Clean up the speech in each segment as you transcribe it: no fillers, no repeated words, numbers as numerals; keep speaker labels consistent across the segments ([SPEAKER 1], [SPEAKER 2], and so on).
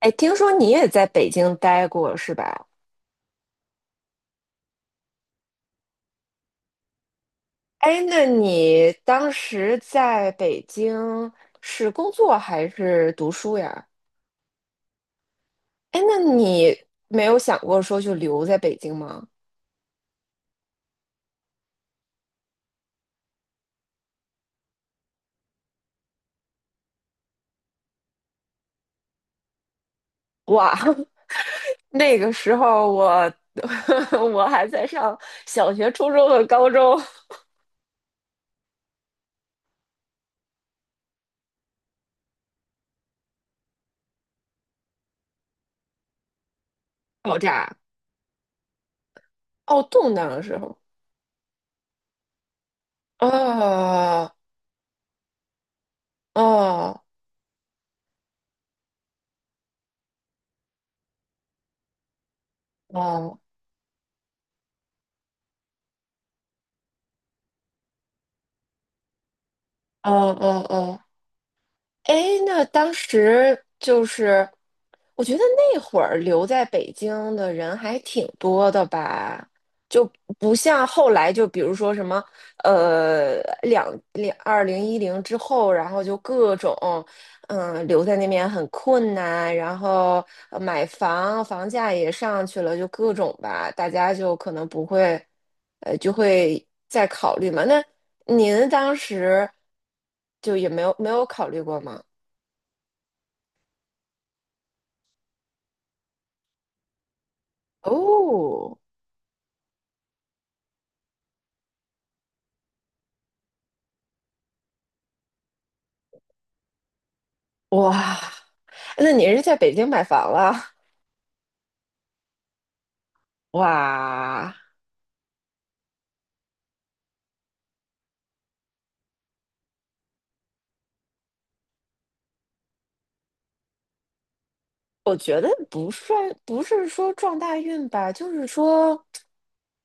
[SPEAKER 1] 哎，听说你也在北京待过是吧？哎，那你当时在北京是工作还是读书呀？哎，那你没有想过说就留在北京吗？哇，那个时候我 我还在上小学、初中和高中。爆炸。哦，动荡的时候。哦哦哦哦哦哦哦。哎，那当时就是，我觉得那会儿留在北京的人还挺多的吧，就不像后来，就比如说什么，呃，两2010之后，然后就各种，留在那边很困难，然后买房，房价也上去了，就各种吧，大家就可能不会，就会再考虑嘛。那您当时就也没有考虑过吗？哦。哇，那你是在北京买房了？哇，我觉得不算，不是说撞大运吧，就是说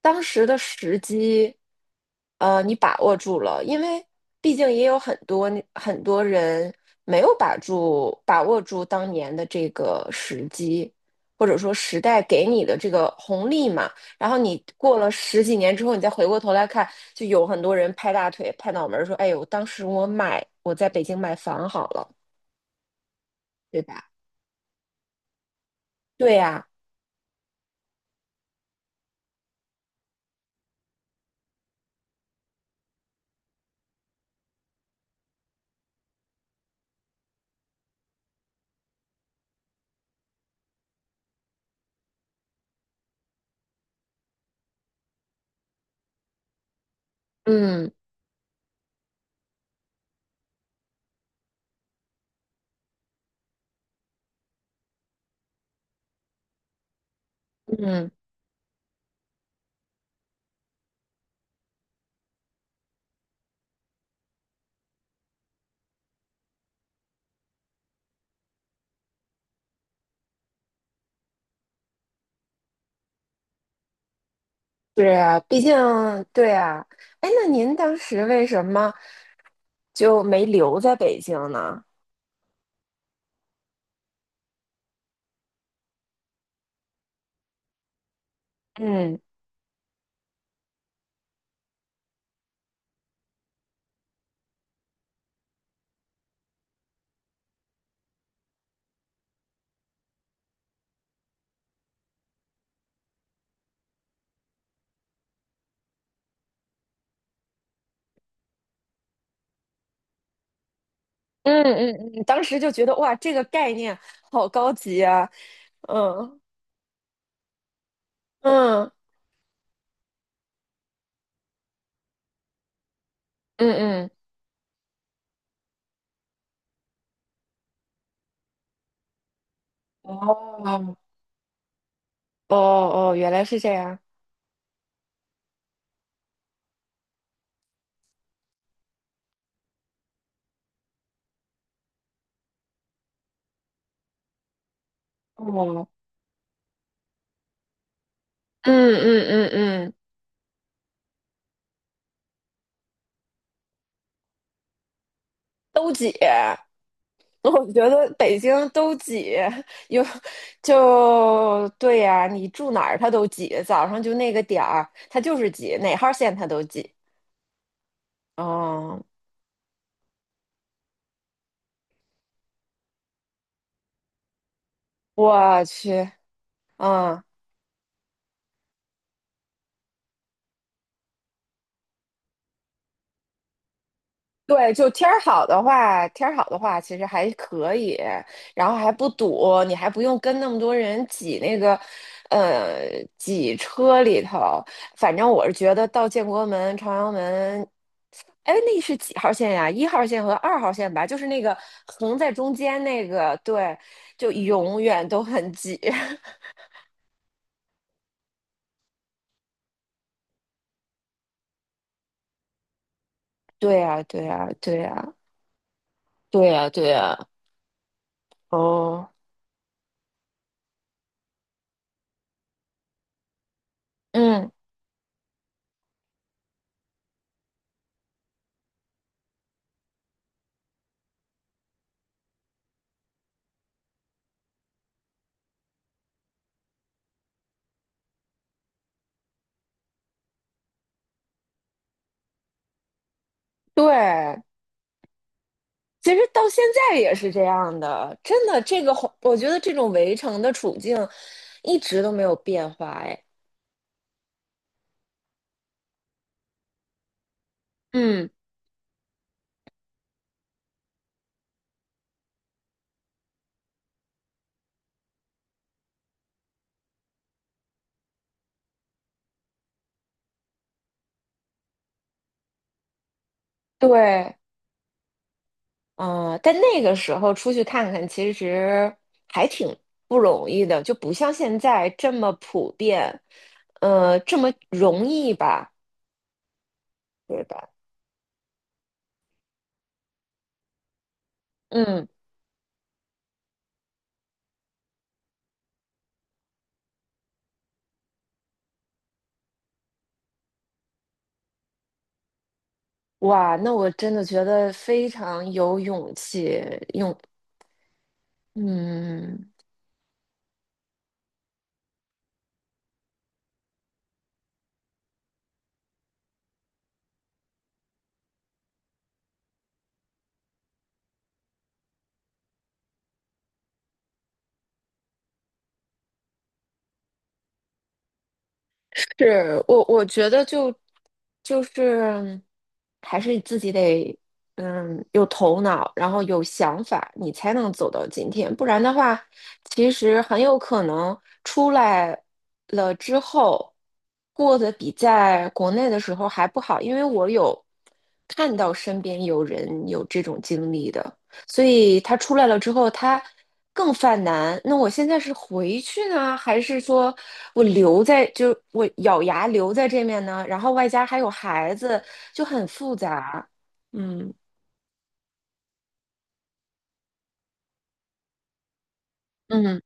[SPEAKER 1] 当时的时机，你把握住了，因为毕竟也有很多很多人没有把握住当年的这个时机，或者说时代给你的这个红利嘛。然后你过了十几年之后，你再回过头来看，就有很多人拍大腿、拍脑门儿说："哎呦，当时我买，我在北京买房好了，对吧？"对呀，嗯嗯。是啊，毕竟对啊。哎，那您当时为什么就没留在北京呢？嗯嗯嗯嗯，当时就觉得哇，这个概念好高级啊。嗯嗯嗯嗯。哦哦哦，原来是这样。哦，嗯嗯嗯嗯，都姐。我觉得北京都挤，有就对呀、你住哪儿它都挤，早上就那个点儿，它就是挤，哪号线它都挤。嗯，我去。嗯，对，就天儿好的话，天儿好的话，其实还可以，然后还不堵，你还不用跟那么多人挤那个，呃，挤车里头。反正我是觉得到建国门、朝阳门，哎，那是几号线呀？1号线和2号线吧，就是那个横在中间那个，对，就永远都很挤。对呀，对呀，对呀，对呀，对呀。哦，嗯，对，其实到现在也是这样的，真的，这个环我觉得这种围城的处境一直都没有变化。哎，嗯，对，嗯、但那个时候出去看看，其实还挺不容易的，就不像现在这么普遍，这么容易吧，对吧？嗯，哇，那我真的觉得非常有勇气。用，嗯。是我，我觉得就是还是自己得有头脑，然后有想法，你才能走到今天。不然的话，其实很有可能出来了之后过得比在国内的时候还不好，因为我有看到身边有人有这种经历的。所以他出来了之后，他更犯难。那我现在是回去呢，还是说我留在，就我咬牙留在这面呢？然后外加还有孩子，就很复杂。嗯嗯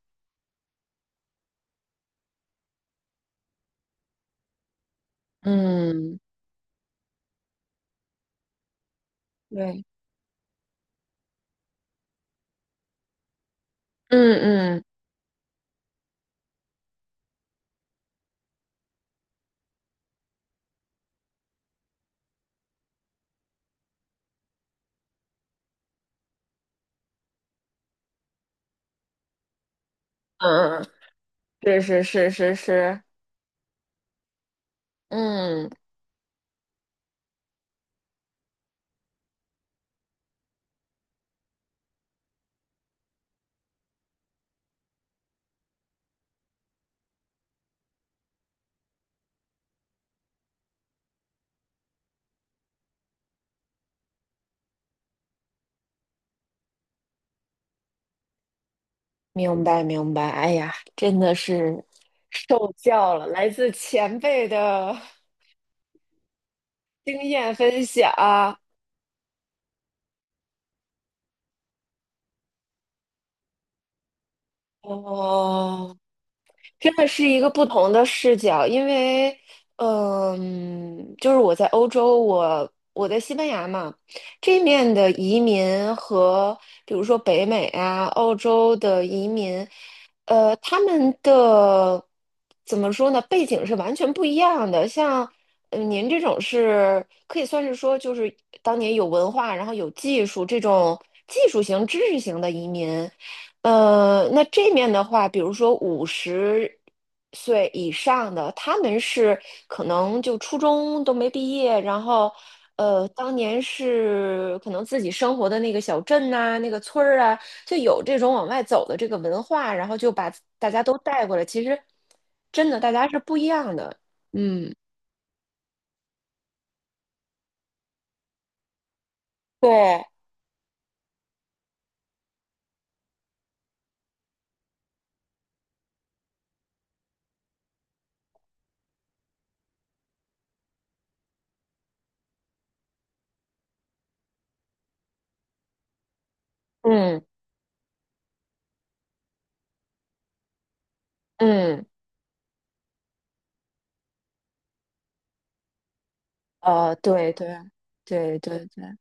[SPEAKER 1] 嗯，对，嗯嗯嗯嗯，是是是是是，嗯，明白明白。哎呀，真的是受教了，来自前辈的经验分享。哦，真的是一个不同的视角。因为，就是我在欧洲，我在西班牙嘛，这面的移民和比如说北美啊、澳洲的移民，他们的怎么说呢？背景是完全不一样的。像，您这种是可以算是说，就是当年有文化，然后有技术这种技术型、知识型的移民。那这面的话，比如说50岁以上的，他们是可能就初中都没毕业。然后，当年是可能自己生活的那个小镇呐、那个村儿啊，就有这种往外走的这个文化，然后就把大家都带过来。其实，真的大家是不一样的。嗯，对，嗯嗯，对对。对对对，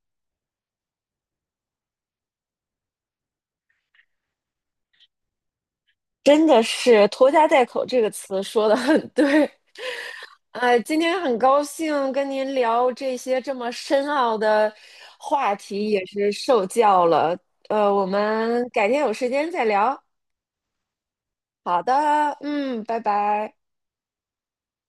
[SPEAKER 1] 真的是"拖家带口"这个词说的很对。哎，今天很高兴跟您聊这些这么深奥的话题，也是受教了。我们改天有时间再聊。好的，嗯，拜拜。